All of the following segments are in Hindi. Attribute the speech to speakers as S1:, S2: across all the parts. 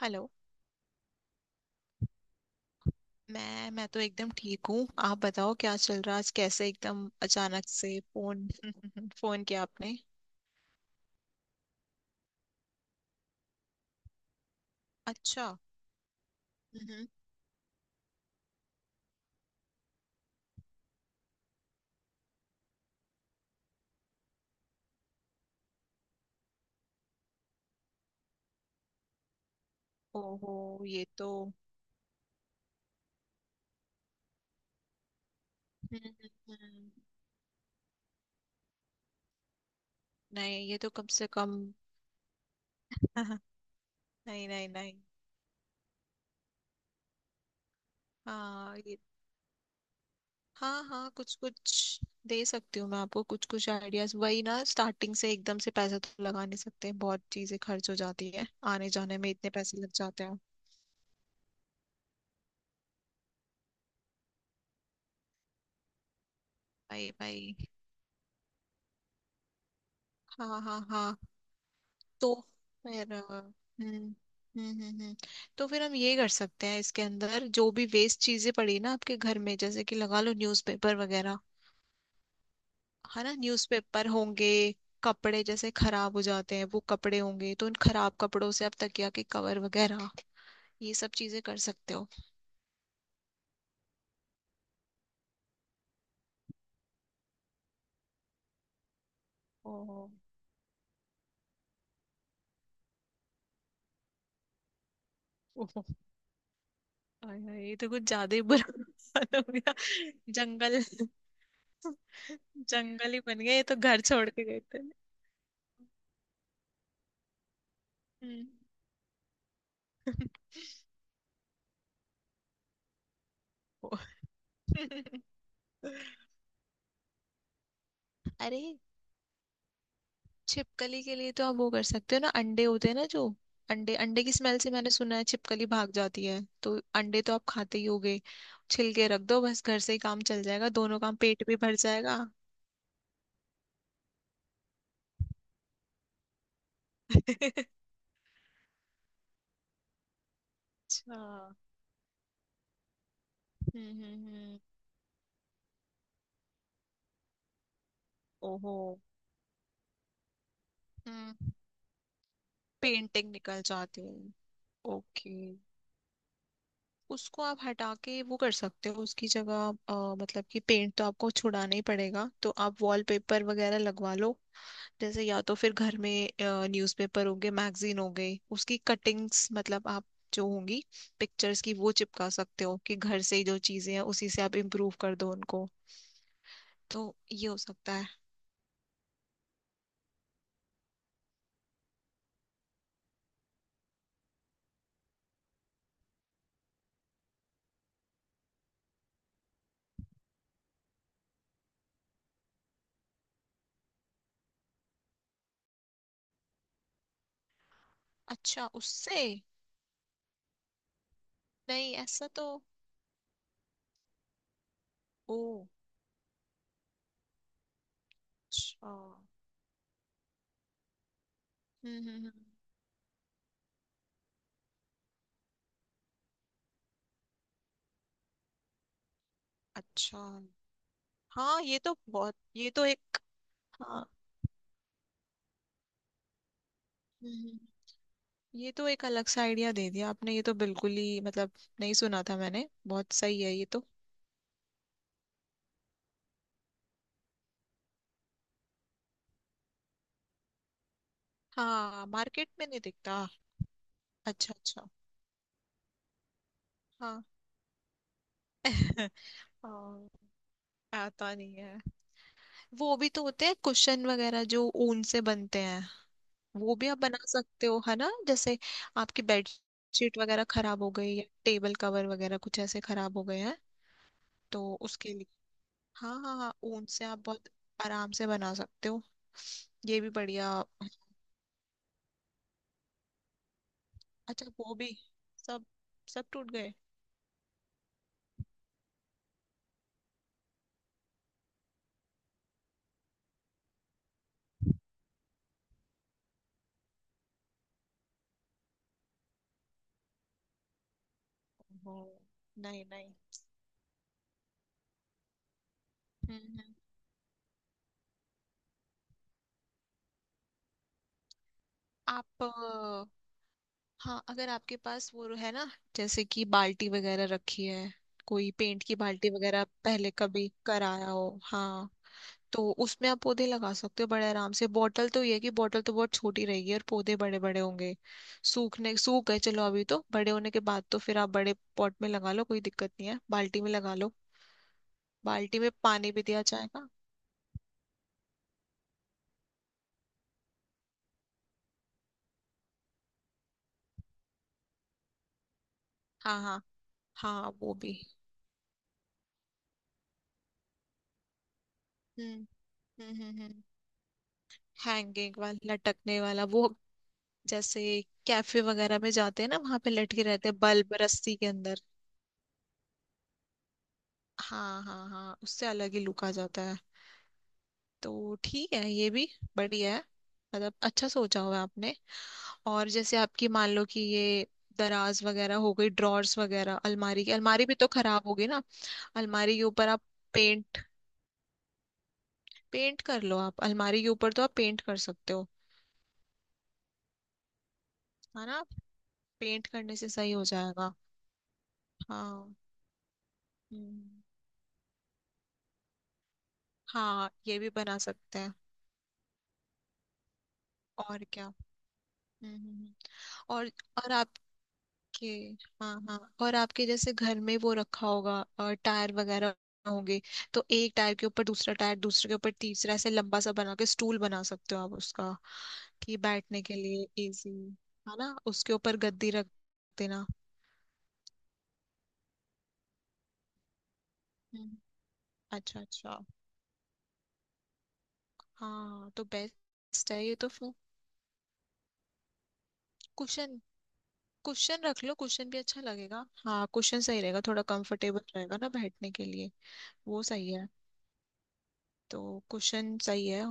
S1: हेलो। मैं तो एकदम ठीक हूँ। आप बताओ क्या चल रहा है, आज कैसे एकदम अचानक से फोन फोन किया आपने। अच्छा। हम्म। ओहो, ये तो। हम्म, हम्म, हम्म। नहीं, ये तो कम से कम। नहीं नहीं नहीं। हाँ ये, हाँ हाँ, कुछ कुछ दे सकती हूँ मैं आपको, कुछ कुछ आइडियाज। वही ना, स्टार्टिंग से एकदम से पैसा तो लगा नहीं सकते, बहुत चीजें खर्च हो जाती है। आने जाने में इतने पैसे लग जाते हैं। भाई भाई। हाँ हाँ हाँ। तो फिर हम्म हम्म हम्म हम्म। तो फिर हम ये कर सकते हैं, इसके अंदर जो भी वेस्ट चीजें पड़ी ना आपके घर में, जैसे कि लगा लो न्यूज़पेपर वगैरह। है ना, न्यूज़पेपर होंगे। कपड़े जैसे खराब हो जाते हैं, वो कपड़े होंगे, तो उन खराब कपड़ों से आप तकिया के कवर वगैरह ये सब चीजें कर सकते हो। ओहो। ओहो, आय हाय, ये तो कुछ ज्यादा ही बुरा हाल हो गया। जंगल, जंगल ही बन गया ये तो, घर छोड़ के गए थे। हम्म। अरे, छिपकली के लिए तो आप वो कर सकते हो ना, अंडे होते हैं ना जो, अंडे अंडे की स्मेल से मैंने सुना है छिपकली भाग जाती है। तो अंडे तो आप खाते ही होगे, छिलके रख दो, बस घर से ही काम चल जाएगा, दोनों काम, पेट भी भर जाएगा। अच्छा हम्म। हम्म। ओहो। हम्म। पेंटिंग निकल जाती है। ओके, उसको आप हटा के वो कर सकते हो, उसकी जगह मतलब कि पेंट तो आपको छुड़ाना ही पड़ेगा, तो आप वॉलपेपर वगैरह लगवा लो। जैसे या तो फिर घर में न्यूज़पेपर हो गए, मैगजीन हो गई, उसकी कटिंग्स, मतलब आप, जो होंगी पिक्चर्स की, वो चिपका सकते हो कि घर से ही जो चीजें हैं उसी से आप इम्प्रूव कर दो उनको। तो ये हो सकता है। अच्छा, उससे। नहीं ऐसा तो। ओ। अच्छा। हम्म हम्म हम्म, अच्छा। हाँ ये तो बहुत, ये तो एक। हाँ। हम्म, हम्म। ये तो एक अलग सा आइडिया दे दिया आपने, ये तो बिल्कुल ही मतलब नहीं सुना था मैंने, बहुत सही है ये तो। हाँ, मार्केट में नहीं दिखता। अच्छा अच्छा। हाँ। हाँ, आता नहीं है। वो भी तो होते हैं कुशन वगैरह जो ऊन से बनते हैं, वो भी आप बना सकते हो। है ना, जैसे आपकी बेडशीट वगैरह खराब हो गई या टेबल कवर वगैरह कुछ ऐसे खराब हो गए हैं, तो उसके लिए। हाँ हाँ हाँ, ऊन से आप बहुत आराम से बना सकते हो, ये भी बढ़िया। अच्छा वो भी, सब, सब टूट गए। ओहो। नहीं नहीं। हम्म हम्म। आप हाँ, अगर आपके पास वो है ना, जैसे कि बाल्टी वगैरह रखी है, कोई पेंट की बाल्टी वगैरह पहले कभी कराया हो। हाँ, तो उसमें आप पौधे लगा सकते हो बड़े आराम से। बॉटल तो ये है कि बॉटल तो बहुत छोटी रहेगी और पौधे बड़े बड़े होंगे, सूखने सूख गए चलो, अभी तो बड़े होने के बाद तो फिर आप बड़े पॉट में लगा लो, कोई दिक्कत नहीं है, बाल्टी में लगा लो। बाल्टी में पानी भी दिया जाएगा। हाँ हाँ हाँ वो भी। हम्म हम्म हम्म हम्म। हैंगिंग वाला, लटकने वाला वो, जैसे कैफे वगैरह में जाते हैं ना, वहां पे लटके रहते हैं बल्ब रस्सी के अंदर। हाँ हाँ हाँ, उससे अलग ही लुक आ जाता है। तो ठीक है, ये भी बढ़िया है, मतलब अच्छा सोचा हुआ है आपने। और जैसे आपकी, मान लो कि ये दराज वगैरह हो गई, ड्रॉर्स वगैरह, अलमारी की, अलमारी भी तो खराब होगी ना। अलमारी के ऊपर आप पेंट, पेंट कर लो, आप अलमारी के ऊपर तो आप पेंट कर सकते हो। है ना, पेंट करने से सही हो जाएगा। हाँ। हम्म, हाँ ये भी बना सकते हैं। और क्या। हम्म हम्म, हम्म। और और आपके, हाँ हाँ और आपके जैसे घर में वो रखा होगा, और टायर वगैरह होंगे, तो एक टायर के ऊपर दूसरा टायर, दूसरे के ऊपर तीसरा, ऐसे लंबा सा बना के स्टूल बना सकते हो आप उसका, कि बैठने के लिए इजी। है ना, उसके ऊपर गद्दी रख देना। हम्म। अच्छा अच्छा। हाँ तो बेस्ट है ये तो फिर। कुशन, क्वेश्चन रख लो, क्वेश्चन भी अच्छा लगेगा, हाँ क्वेश्चन सही रहेगा, थोड़ा कंफर्टेबल रहेगा ना बैठने के लिए। वो सही है। तो क्वेश्चन सही है।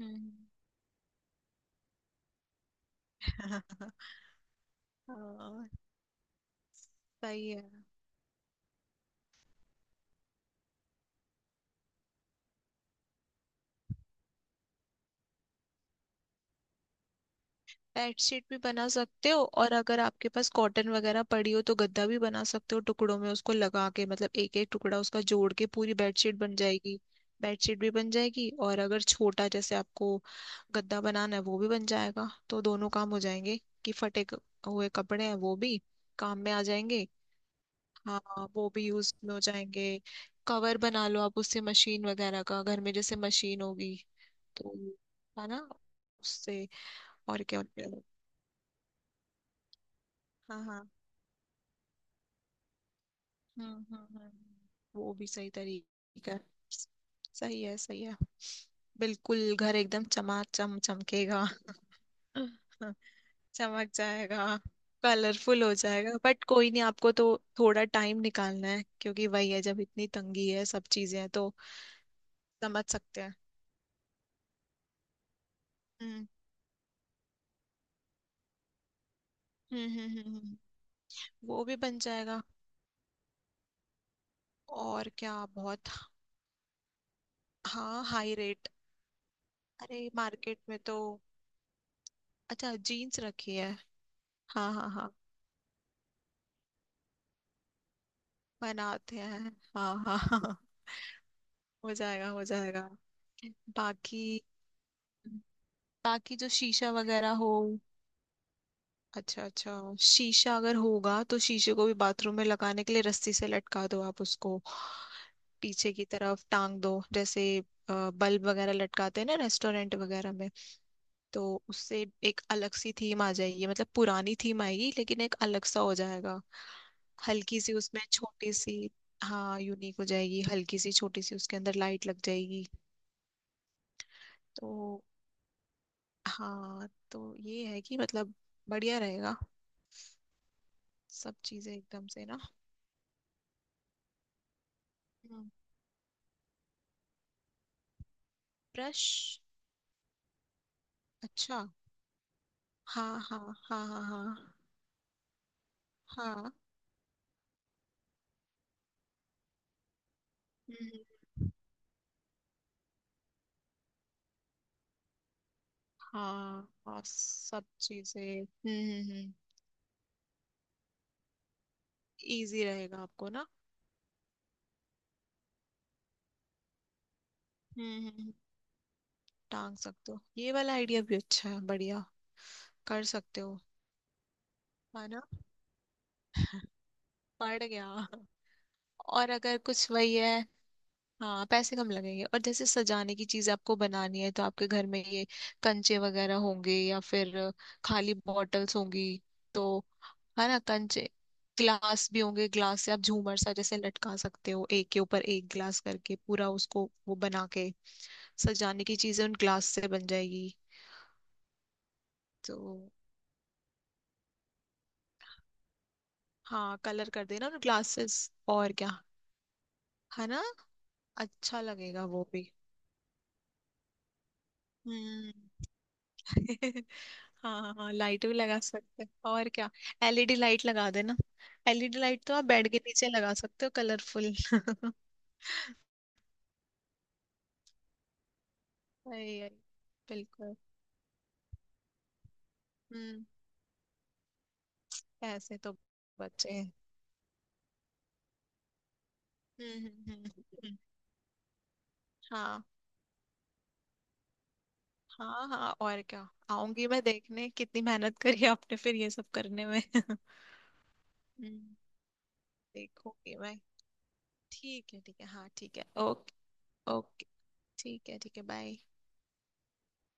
S1: हम्म। हाँ, सही है। बेडशीट भी बना सकते हो, और अगर आपके पास कॉटन वगैरह पड़ी हो तो गद्दा भी बना सकते हो, टुकड़ों में उसको लगा के, मतलब एक एक टुकड़ा उसका जोड़ के पूरी बेडशीट बन जाएगी। बेडशीट भी बन जाएगी, और अगर छोटा जैसे आपको गद्दा बनाना है वो भी बन जाएगा, तो दोनों काम हो जाएंगे। कि फटे हुए कपड़े हैं, वो भी काम में आ जाएंगे। हाँ वो भी यूज में हो जाएंगे। कवर बना लो आप उससे, मशीन वगैरह का, घर में जैसे मशीन होगी तो। है ना, उससे। और क्या होता है। हाँ हाँ। हम्म हम्म हम्म। वो भी सही तरीका है। सही है सही है, बिल्कुल घर एकदम चमाचम चमकेगा। चमक जाएगा, कलरफुल हो जाएगा। बट कोई नहीं, आपको तो थोड़ा टाइम निकालना है क्योंकि वही है, जब इतनी तंगी है सब चीजें हैं तो समझ सकते हैं। हम्म हम्म। वो भी बन जाएगा। और क्या बहुत। हाँ हाई रेट। अरे मार्केट में तो। अच्छा जीन्स रखी है। हाँ हाँ हाँ, बनाते हैं। हाँ हाँ हाँ हाँ। हो जाएगा हो जाएगा। बाकी, बाकी जो शीशा वगैरह हो। अच्छा अच्छा, शीशा अगर होगा तो शीशे को भी बाथरूम में लगाने के लिए रस्सी से लटका दो आप उसको, पीछे की तरफ टांग दो, जैसे बल्ब वगैरह लटकाते हैं ना रेस्टोरेंट वगैरह में। तो उससे एक अलग सी थीम आ जाएगी, मतलब पुरानी थीम आएगी लेकिन एक अलग सा हो जाएगा। हल्की सी उसमें छोटी सी। हाँ यूनिक हो जाएगी, हल्की सी छोटी सी उसके अंदर लाइट लग जाएगी। तो हाँ, तो ये है कि मतलब बढ़िया रहेगा, सब चीजें एकदम से ना। हम्म। ब्रश, अच्छा हाँ हाँ हाँ हाँ हाँ। हाँ। हम्म, हाँ और सब चीजें। इजी रहेगा आपको ना। हम्म, हम्म, टांग सकते हो, ये वाला आइडिया भी अच्छा है, बढ़िया। कर सकते हो। है ना, पड़ गया। और अगर कुछ वही है। हाँ पैसे कम लगेंगे, और जैसे सजाने की चीजें आपको बनानी है तो आपके घर में ये कंचे वगैरह होंगे या फिर खाली बॉटल्स होंगी तो। है ना, कंचे, ग्लास भी होंगे, ग्लास से आप झूमर सा जैसे लटका सकते हो, एक के ऊपर एक ग्लास करके पूरा उसको वो बना के, सजाने की चीजें उन ग्लास से बन जाएगी। तो हाँ, कलर कर देना उन ग्लासेस। और क्या। है ना, अच्छा लगेगा वो भी। हम्म। हाँ हाँ हाँ, लाइट भी लगा सकते हैं, और क्या। एलईडी लाइट लगा देना, एलईडी लाइट तो आप बेड के नीचे लगा सकते हो कलरफुल। आई आई, बिल्कुल। हम्म, पैसे तो बचे हैं। हम्म हम्म हम्म, हम्म, हम्म। हाँ हाँ हाँ, और क्या आऊंगी मैं देखने कितनी मेहनत करी आपने फिर ये सब करने में। हम्म, देखूंगी मैं। ठीक है ठीक है, हाँ ठीक है ओके। ओके, ठीक है ठीक है, बाय।